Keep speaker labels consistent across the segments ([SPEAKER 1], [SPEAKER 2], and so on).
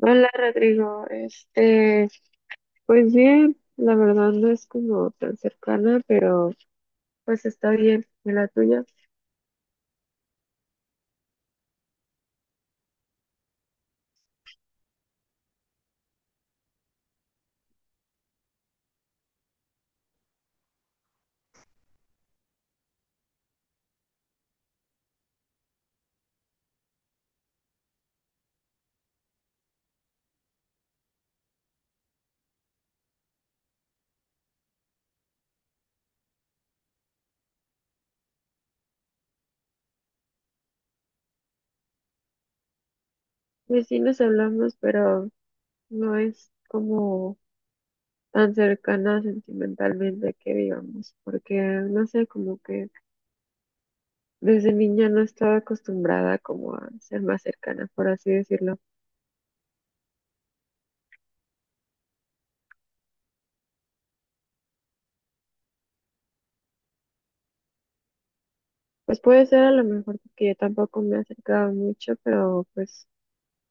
[SPEAKER 1] Hola Rodrigo, este, pues bien, la verdad no es como tan cercana, pero pues está bien, ¿y la tuya? Pues sí nos hablamos, pero no es como tan cercana sentimentalmente que digamos, porque no sé, como que desde niña no estaba acostumbrada como a ser más cercana, por así decirlo. Pues puede ser a lo mejor porque yo tampoco me he acercado mucho, pero pues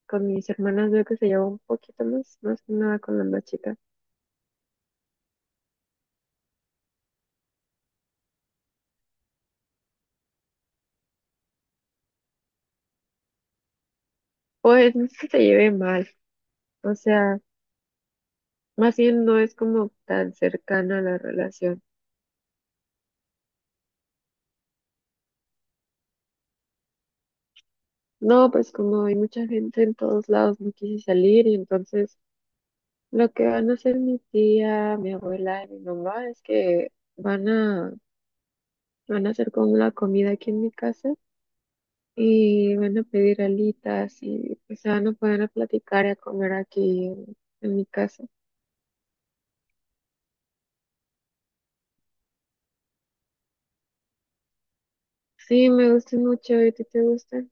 [SPEAKER 1] con mis hermanas veo que se lleva un poquito más, más que nada con la más chica. Pues no es que se lleve mal, o sea, más bien no es como tan cercana la relación. No, pues como hay mucha gente en todos lados, no quise salir y entonces lo que van a hacer mi tía, mi abuela y mi mamá es que van a, van a hacer como la comida aquí en mi casa y van a pedir alitas y o sea, no pueden a platicar y a comer aquí en mi casa. Sí, me gusta mucho, ¿y a ti te gusta?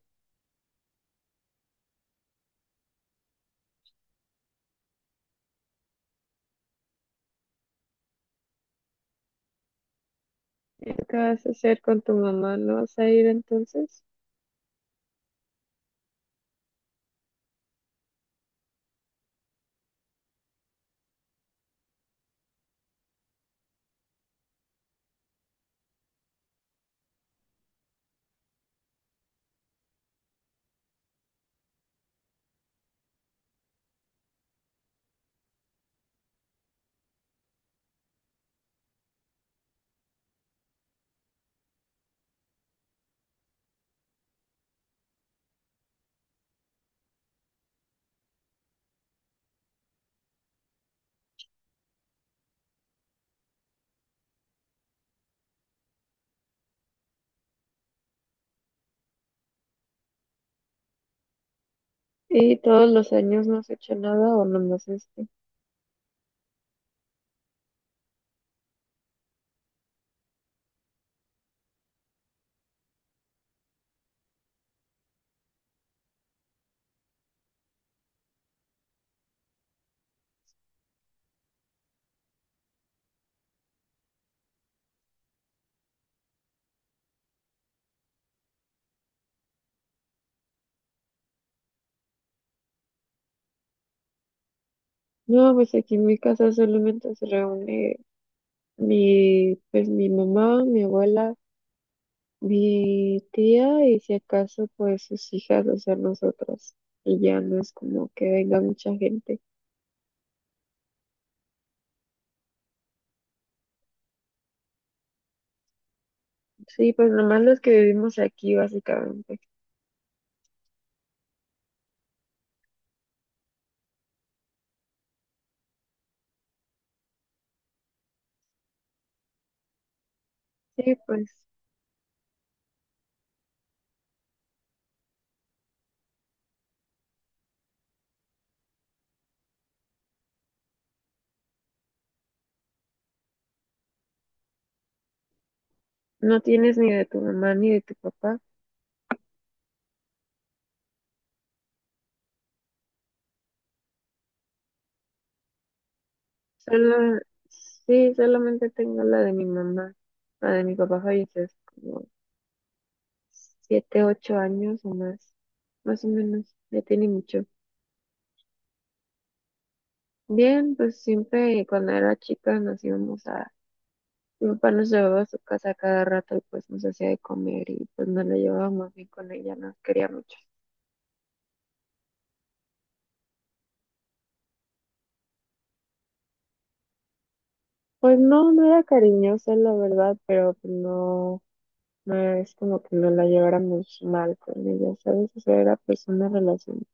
[SPEAKER 1] ¿Y ¿qué vas a hacer con tu mamá? ¿No vas a ir entonces? ¿Y todos los años no has hecho nada o nomás este? No, pues aquí en mi casa solamente se reúne mi, pues mi mamá, mi abuela, mi tía y si acaso pues sus hijas, o sea, nosotras. Y ya no es como que venga mucha gente. Sí, pues nomás los que vivimos aquí básicamente. Sí, pues no tienes ni de tu mamá ni de tu papá. Solo, sí, solamente tengo la de mi mamá. La de mi papá falleció hace como 7, 8 años o más, más o menos, ya tiene mucho. Bien, pues siempre cuando era chica nos íbamos a, mi papá nos llevaba a su casa cada rato y pues nos hacía de comer y pues nos la llevábamos bien con ella, nos quería mucho. Pues no, no era cariñosa la verdad, pero pues, no, no es como que nos la lleváramos mal con ella, ¿sabes? O sea, era pues una relación,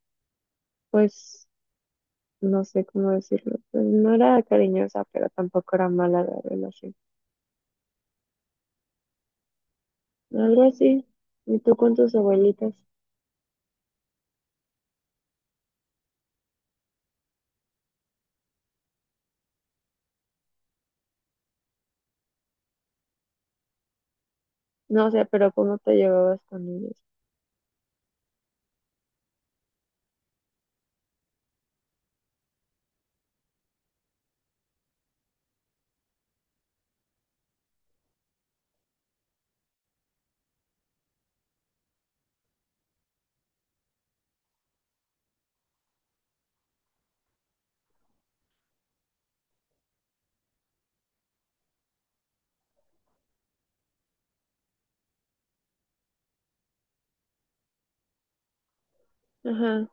[SPEAKER 1] pues no sé cómo decirlo, pues no era cariñosa, pero tampoco era mala la relación. Algo así. ¿Y tú con tus abuelitas? No, o sea, pero ¿cómo te llevabas con ellas? Ajá.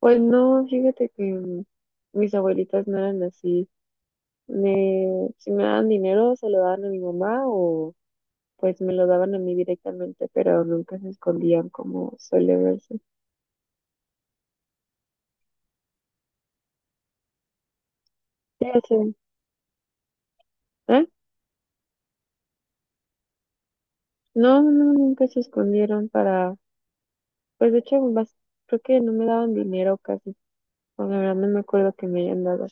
[SPEAKER 1] Pues no, fíjate que mm, mis abuelitas no eran así. Me, si me daban dinero, se lo daban a mi mamá o pues me lo daban a mí directamente, pero nunca se escondían como suele verse. Sí, o sea, ¿eh? No, no, no, nunca se escondieron para, pues de hecho, creo que no me daban dinero casi. Bueno, la verdad no me acuerdo que me hayan dado.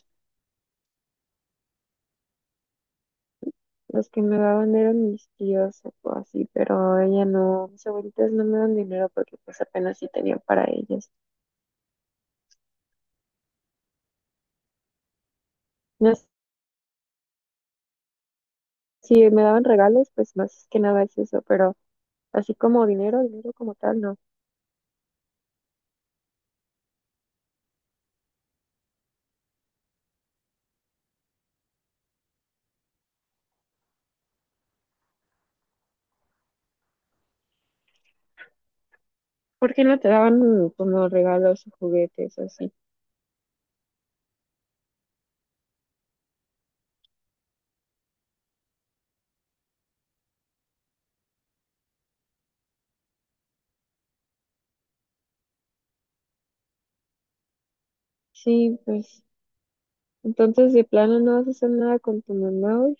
[SPEAKER 1] Los que me daban eran mis tíos o así, pero ella no, mis abuelitas no me dan dinero porque pues apenas sí tenían para ellas. No, si me daban regalos, pues más que nada es eso, pero así como dinero, dinero como tal, no. ¿Por qué no te daban como regalos o juguetes o así? Sí, pues entonces de plano no vas a hacer nada con tu mamá hoy.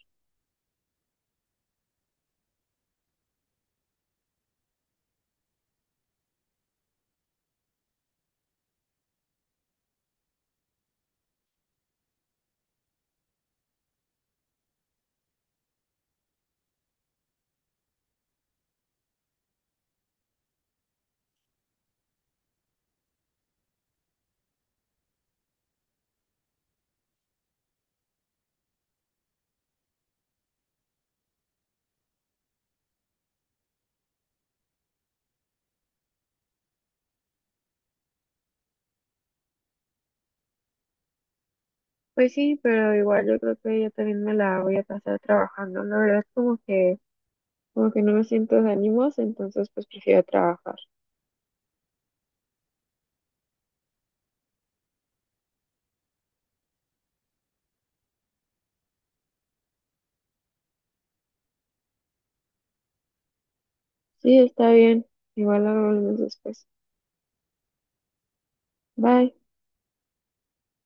[SPEAKER 1] Pues sí, pero igual yo creo que yo también me la voy a pasar trabajando. La verdad como que no me siento de ánimos, entonces pues prefiero trabajar. Sí, está bien. Igual hablamos después. Bye.